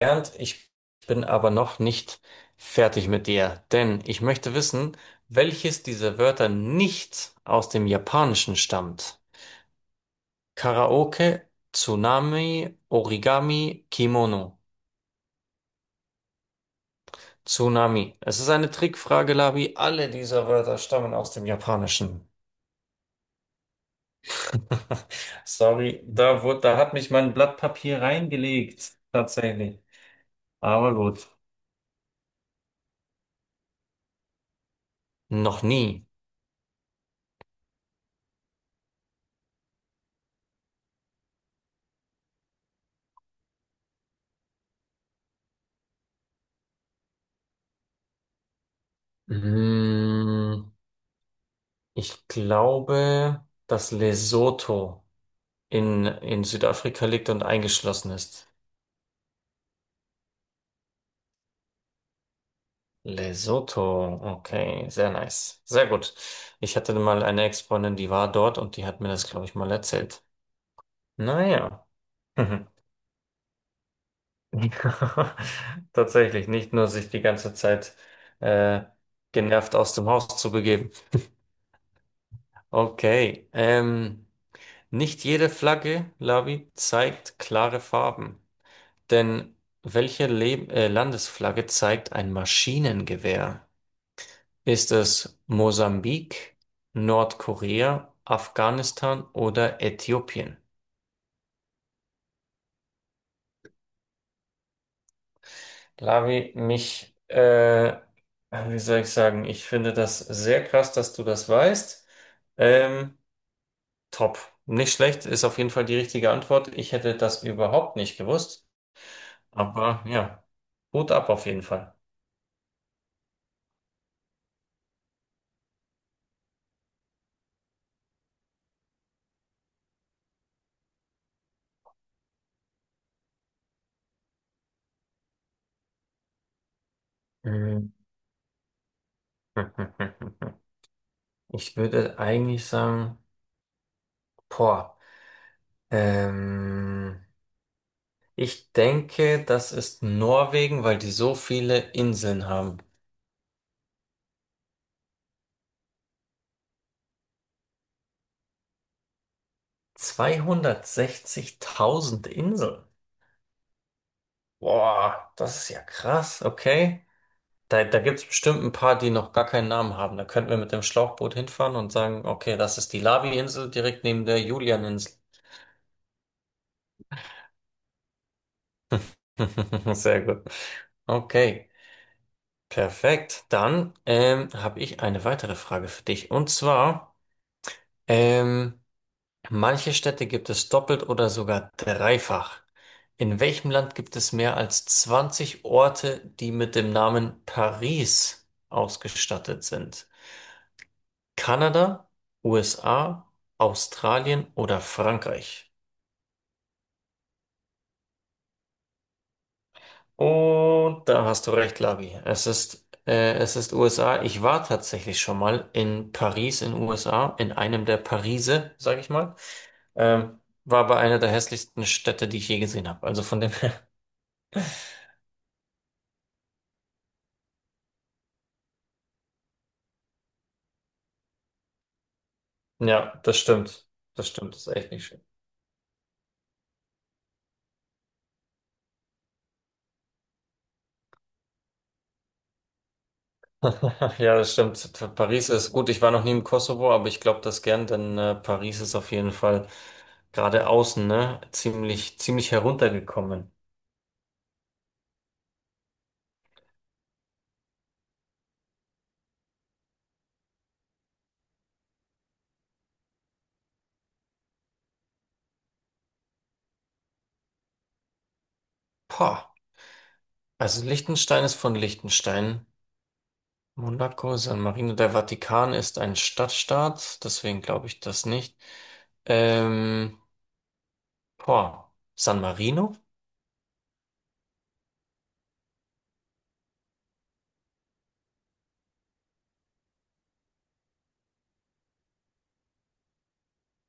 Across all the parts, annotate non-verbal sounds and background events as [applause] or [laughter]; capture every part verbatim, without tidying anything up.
Bernd, ich bin aber noch nicht fertig mit dir, denn ich möchte wissen, welches dieser Wörter nicht aus dem Japanischen stammt. Karaoke, Tsunami, Origami, Kimono. Tsunami. Es ist eine Trickfrage, Labi. Alle dieser Wörter stammen aus dem Japanischen. [laughs] Sorry, da wurde, da hat mich mein Blatt Papier reingelegt, tatsächlich. Aber gut. Noch nie. Mm. Ich glaube, dass Lesotho in, in Südafrika liegt und eingeschlossen ist. Lesotho, okay, sehr nice. Sehr gut. Ich hatte mal eine Ex-Freundin, die war dort und die hat mir das, glaube ich, mal erzählt. Naja. Mhm. [laughs] Tatsächlich, nicht nur sich die ganze Zeit äh, genervt aus dem Haus zu begeben. Okay. Ähm, nicht jede Flagge, Lavi, zeigt klare Farben. Denn welche Le äh, Landesflagge zeigt ein Maschinengewehr? Ist es Mosambik, Nordkorea, Afghanistan oder Äthiopien? Lavi, mich, äh, wie soll ich sagen, ich finde das sehr krass, dass du das weißt. Ähm, top. Nicht schlecht, ist auf jeden Fall die richtige Antwort. Ich hätte das überhaupt nicht gewusst. Aber ja, gut ab auf jeden Fall. Mhm. [laughs] Ich würde eigentlich sagen. Boah, ähm, ich denke, das ist Norwegen, weil die so viele Inseln haben. zweihundertsechzigtausend Inseln. Boah, das ist ja krass, okay. Da, da gibt es bestimmt ein paar, die noch gar keinen Namen haben. Da könnten wir mit dem Schlauchboot hinfahren und sagen, okay, das ist die lavi insel direkt neben der Julian-Insel. [laughs] Sehr gut. Okay, perfekt. Dann ähm, habe ich eine weitere Frage für dich. Und zwar, ähm, manche Städte gibt es doppelt oder sogar dreifach. In welchem Land gibt es mehr als zwanzig Orte, die mit dem Namen Paris ausgestattet sind? Kanada, U S A, Australien oder Frankreich? Und da hast du recht, Labi. Es ist, äh, es ist U S A. Ich war tatsächlich schon mal in Paris in U S A, in einem der Parise, sag ich mal. Ähm, war aber einer der hässlichsten Städte, die ich je gesehen habe. Also von dem. [laughs] Ja, das stimmt. Das stimmt, das ist echt nicht schön. [laughs] Ja, das stimmt. Pa- Paris ist gut. Ich war noch nie im Kosovo, aber ich glaube das gern, denn äh, Paris ist auf jeden Fall gerade außen, ne, ziemlich, ziemlich heruntergekommen. Pah. Also Liechtenstein ist von Liechtenstein. Monaco, San Marino, der Vatikan ist ein Stadtstaat, deswegen glaube ich das nicht. Ähm, boah, San Marino?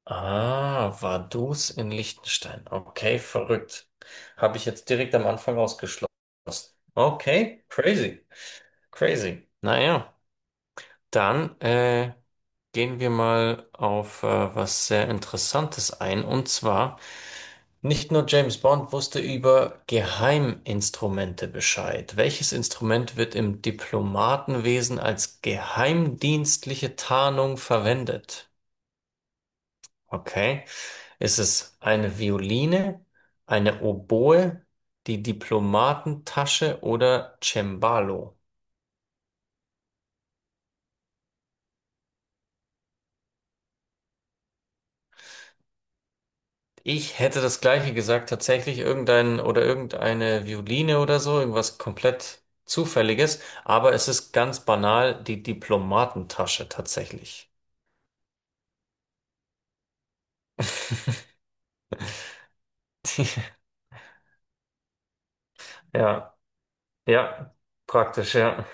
Ah, Vaduz in Liechtenstein. Okay, verrückt. Habe ich jetzt direkt am Anfang ausgeschlossen. Okay, crazy, crazy. Naja, dann äh, gehen wir mal auf äh, was sehr Interessantes ein. Und zwar, nicht nur James Bond wusste über Geheiminstrumente Bescheid. Welches Instrument wird im Diplomatenwesen als geheimdienstliche Tarnung verwendet? Okay. Ist es eine Violine, eine Oboe, die Diplomatentasche oder Cembalo? Ich hätte das Gleiche gesagt, tatsächlich irgendein oder irgendeine Violine oder so, irgendwas komplett Zufälliges, aber es ist ganz banal die Diplomatentasche tatsächlich. [laughs] Die, ja, ja, praktisch, ja.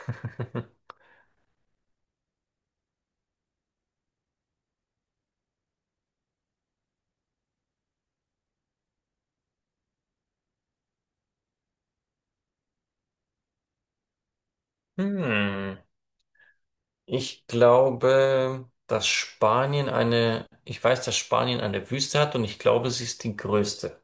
[laughs] Hm. Ich glaube, dass Spanien eine, ich weiß, dass Spanien eine Wüste hat und ich glaube, sie ist die größte.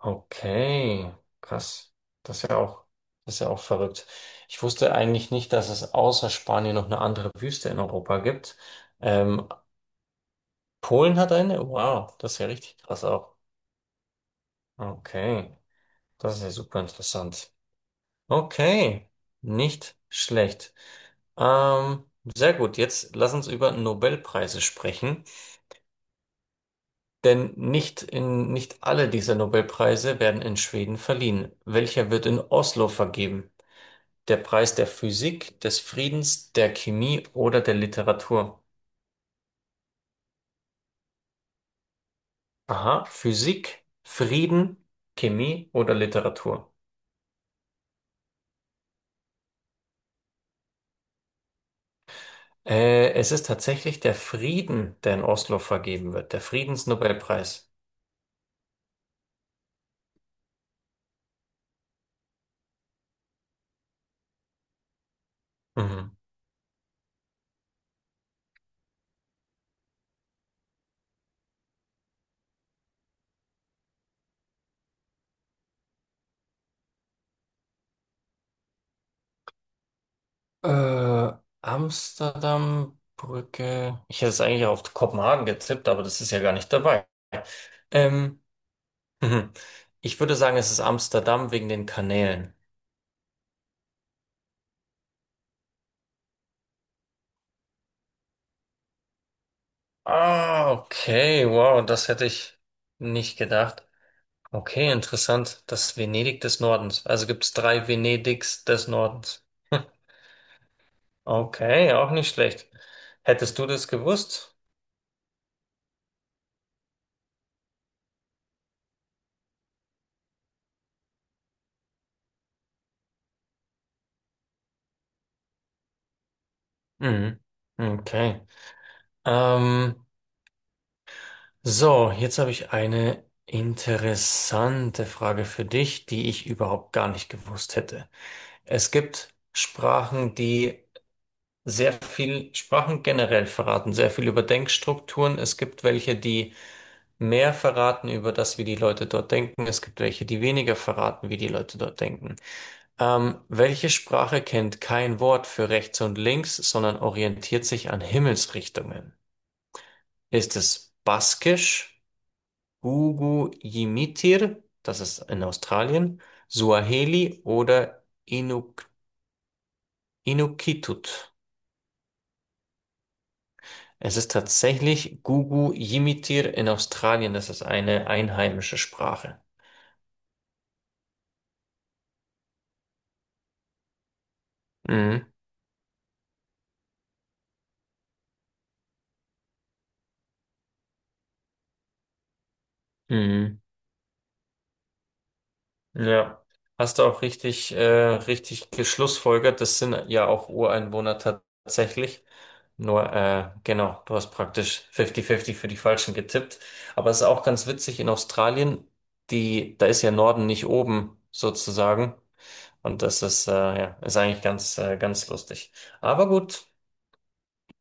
Okay, krass. Das ist ja auch, das ist ja auch verrückt. Ich wusste eigentlich nicht, dass es außer Spanien noch eine andere Wüste in Europa gibt. Ähm, Polen hat eine? Wow, das ist ja richtig krass auch. Okay, das ist ja super interessant. Okay, nicht schlecht. Ähm, sehr gut, jetzt lass uns über Nobelpreise sprechen. Denn nicht in, nicht alle dieser Nobelpreise werden in Schweden verliehen. Welcher wird in Oslo vergeben? Der Preis der Physik, des Friedens, der Chemie oder der Literatur? Aha, Physik, Frieden, Chemie oder Literatur? Äh, es ist tatsächlich der Frieden, der in Oslo vergeben wird, der Friedensnobelpreis. Mhm. Äh, Amsterdam, Brücke. Ich hätte es eigentlich auf Kopenhagen getippt, aber das ist ja gar nicht dabei. Ähm, Mhm. Ich würde sagen, es ist Amsterdam wegen den Kanälen. Ah, okay, wow, das hätte ich nicht gedacht. Okay, interessant. Das Venedig des Nordens. Also gibt es drei Venedigs des Nordens. [laughs] Okay, auch nicht schlecht. Hättest du das gewusst? Mhm. Okay. Ähm, so, jetzt habe ich eine interessante Frage für dich, die ich überhaupt gar nicht gewusst hätte. Es gibt Sprachen, die sehr viel Sprachen generell verraten, sehr viel über Denkstrukturen. Es gibt welche, die mehr verraten über das, wie die Leute dort denken. Es gibt welche, die weniger verraten, wie die Leute dort denken. Ähm, welche Sprache kennt kein Wort für rechts und links, sondern orientiert sich an Himmelsrichtungen? Ist es Baskisch, Gugu Yimitir, das ist in Australien, Suaheli oder Inuk Inukitut? Es ist tatsächlich Gugu Yimitir in Australien. Das ist eine einheimische Sprache. Mhm. Mhm. Ja. Hast du auch richtig, äh, richtig geschlussfolgert. Das sind ja auch Ureinwohner tatsächlich. Nur, äh, genau, du hast praktisch fünfzig fünfzig für die Falschen getippt. Aber es ist auch ganz witzig, in Australien, die, da ist ja Norden nicht oben, sozusagen. Und das ist, äh, ja, ist eigentlich ganz, äh, ganz lustig. Aber gut,